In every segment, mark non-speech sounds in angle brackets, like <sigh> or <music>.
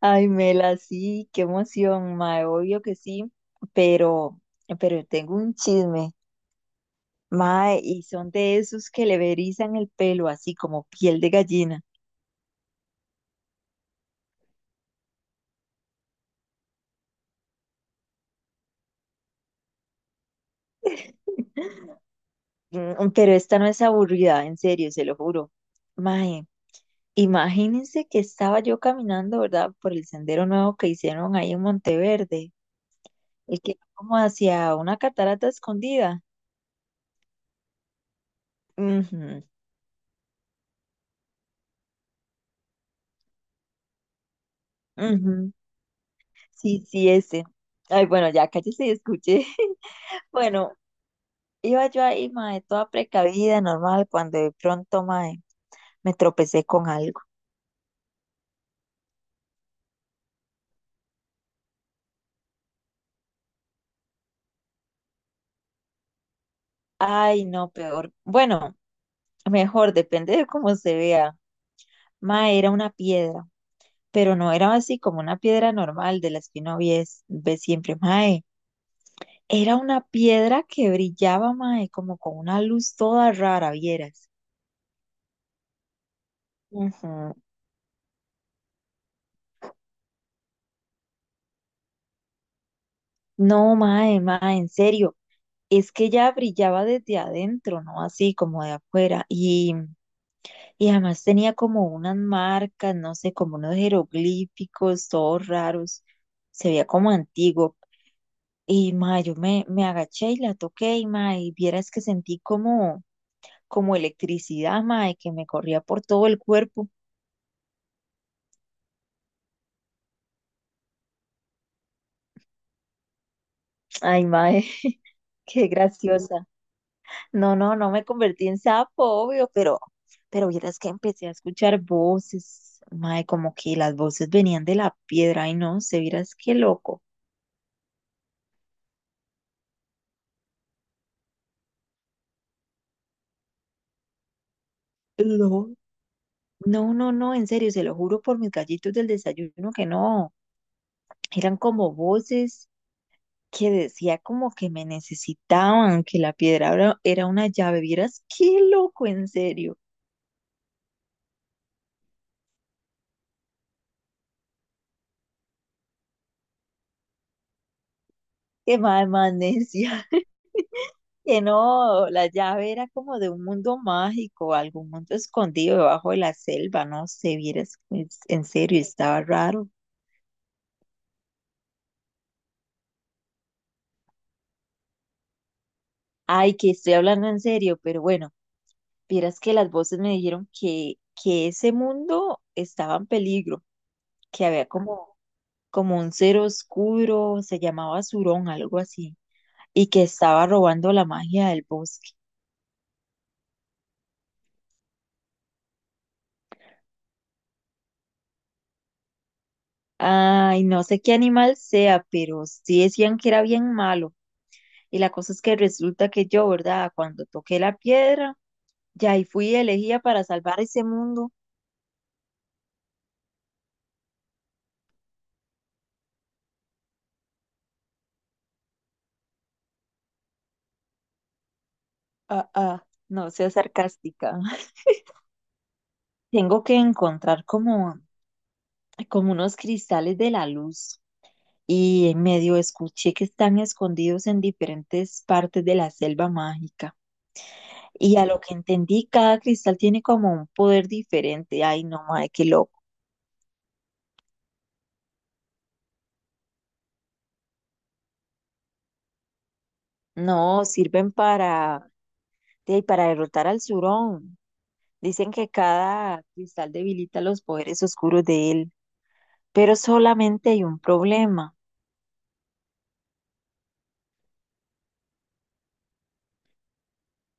Ay, Mela, sí, qué emoción, mae, obvio que sí, pero, pero tengo un chisme, mae, y son de esos que le verizan el pelo así como piel de gallina. Pero esta no es aburrida, en serio, se lo juro. Mae, imagínense que estaba yo caminando, ¿verdad? Por el sendero nuevo que hicieron ahí en Monteverde, el que va como hacia una catarata escondida. Ujú, ujú. Sí, sí, ese. Ay, bueno, ya cállese y escuche. <laughs> Bueno, iba yo ahí, mae, toda precavida, normal, cuando de pronto, mae, me tropecé con algo. Ay, no, peor. Bueno, mejor, depende de cómo se vea. Mae, era una piedra, pero no era así como una piedra normal de las que uno ve, ve siempre, mae. Era una piedra que brillaba, mae, como con una luz toda rara, vieras. Ujú. No, mae, mae, en serio. Es que ya brillaba desde adentro, no así como de afuera. Y. Y además tenía como unas marcas, no sé, como unos jeroglíficos, todos raros. Se veía como antiguo. Y ma, yo me, me agaché y la toqué, y ma, y vieras que sentí como, como electricidad, ma, y que me corría por todo el cuerpo. <tsk> Ay, ma, <laughs> qué graciosa. No, no, no me convertí en sapo, obvio, pero vieras que empecé a escuchar voces, ma, como que las voces venían de la piedra. Ay, no, se vieras qué loco. No, no, no, en serio, se lo juro por mis gallitos del desayuno que no. Eran como voces que decía como que me necesitaban, que la piedra era una llave. Vieras, qué loco, en serio. Qué mal, más necia. <laughs> Que no, la llave era como de un mundo mágico, algún mundo escondido debajo de la selva, no sé, vieras, en serio, estaba raro. Ay, que estoy hablando en serio, pero bueno, vieras que las voces me dijeron que ese mundo estaba en peligro, que había como, como un ser oscuro, se llamaba Surón, algo así, y que estaba robando la magia del bosque. Ay, no sé qué animal sea, pero sí decían que era bien malo. Y la cosa es que resulta que yo, ¿verdad? Cuando toqué la piedra, ya ahí fui elegida para salvar ese mundo. Ah, ah, no sea sarcástica. Tengo que encontrar como, como unos cristales de la luz y en medio escuché que están escondidos en diferentes partes de la selva mágica. Y a lo que entendí, cada cristal tiene como un poder diferente. Ay, no, madre, qué loco. No, sirven para, para derrotar al Surón. Dicen que cada cristal debilita los poderes oscuros de él, pero solamente hay un problema.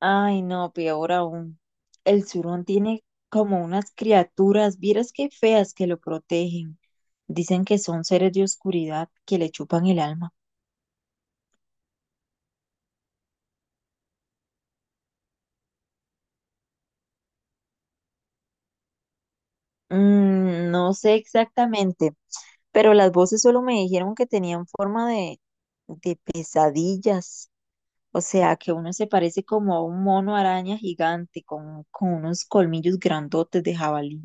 Ay, no, peor aún. El surón tiene como unas criaturas, vieras qué feas que lo protegen. Dicen que son seres de oscuridad que le chupan el alma. Mm, no sé exactamente, pero las voces solo me dijeron que tenían forma de pesadillas. O sea, que uno se parece como a un mono araña gigante con unos colmillos grandotes de jabalí.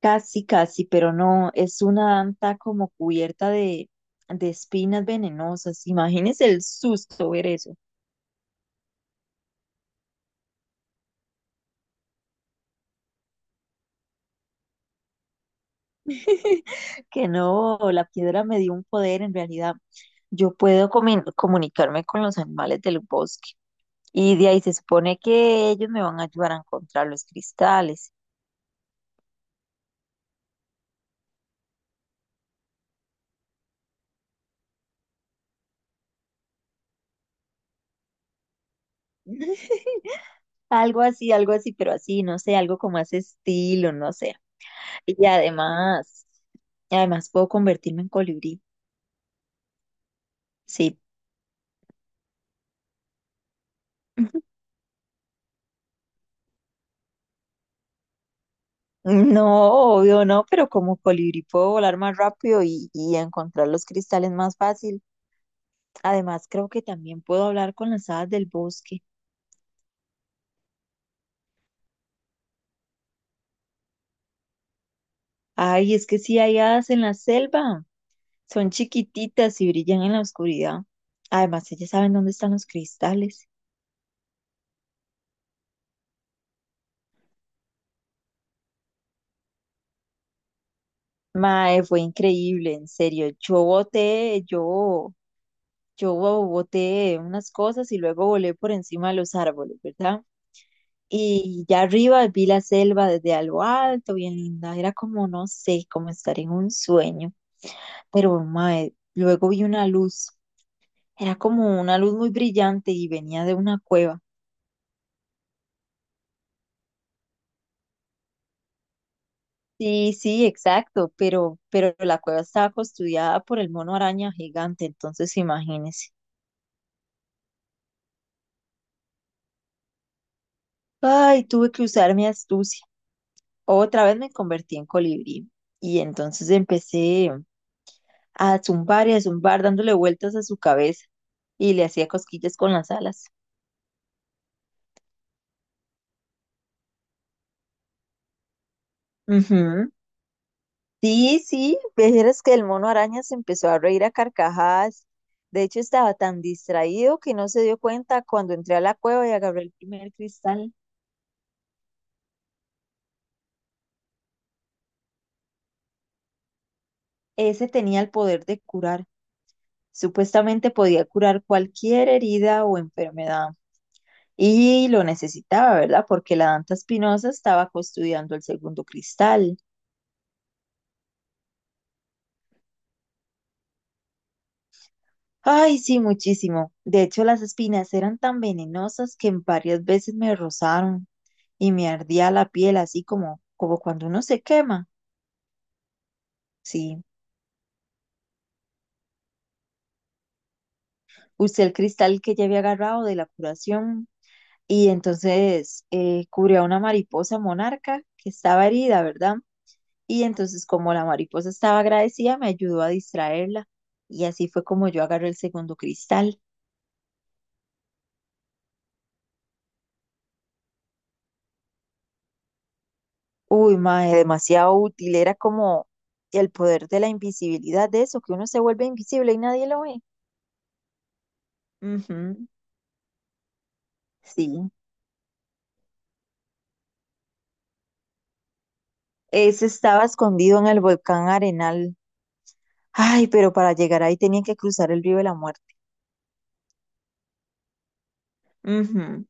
Casi, casi, pero no, es una anta como cubierta de espinas venenosas. Imagínese el susto ver eso. <laughs> Que no, la piedra me dio un poder en realidad. Yo puedo comunicarme con los animales del bosque y de ahí se supone que ellos me van a ayudar a encontrar los cristales. <laughs> Algo así, pero así, no sé, algo como ese estilo, no sé. Y además, además puedo convertirme en colibrí. Sí, no, obvio no, pero como colibrí puedo volar más rápido y encontrar los cristales más fácil. Además, creo que también puedo hablar con las hadas del bosque. Ay, es que sí hay hadas en la selva. Son chiquititas y brillan en la oscuridad. Además, ellas saben dónde están los cristales. Mae, fue increíble, en serio. Yo boté, yo. Yo boté unas cosas y luego volé por encima de los árboles, ¿verdad? Y ya arriba vi la selva desde algo alto, bien linda. Era como, no sé, como estar en un sueño. Pero, mae, luego vi una luz. Era como una luz muy brillante y venía de una cueva. Sí, sí, exacto, pero la cueva estaba custodiada por el mono araña gigante, entonces imagínese. Ay, tuve que usar mi astucia. Otra vez me convertí en colibrí y entonces empecé a zumbar y a zumbar dándole vueltas a su cabeza y le hacía cosquillas con las alas. Ujú. Sí, sí, vieras que el mono araña se empezó a reír a carcajadas. De hecho, estaba tan distraído que no se dio cuenta cuando entré a la cueva y agarré el primer cristal. Ese tenía el poder de curar. Supuestamente podía curar cualquier herida o enfermedad. Y lo necesitaba, ¿verdad? Porque la Danta Espinosa estaba custodiando el segundo cristal. Ay, sí, muchísimo. De hecho, las espinas eran tan venenosas que en varias veces me rozaron y me ardía la piel, así como, como cuando uno se quema. Sí, usé el cristal que ya había agarrado de la curación y entonces curé a una mariposa monarca que estaba herida, ¿verdad? Y entonces, como la mariposa estaba agradecida, me ayudó a distraerla. Y así fue como yo agarré el segundo cristal. Uy, mae, demasiado útil. Era como el poder de la invisibilidad de eso, que uno se vuelve invisible y nadie lo ve. Ujú, sí. Ese estaba escondido en el volcán Arenal. Ay, pero para llegar ahí tenían que cruzar el río de la muerte. Ujú.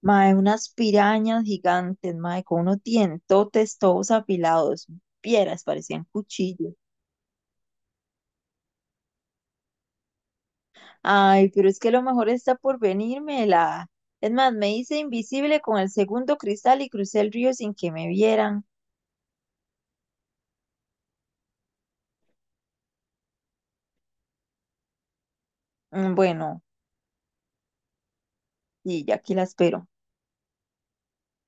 Mae, unas pirañas gigantes, mae, con unos dientotes todos afilados. Pieras, parecían cuchillos. Ay, pero es que lo mejor está por venirme, la... Es más, me hice invisible con el segundo cristal y crucé el río sin que me vieran. Mm, bueno, y ya aquí la espero.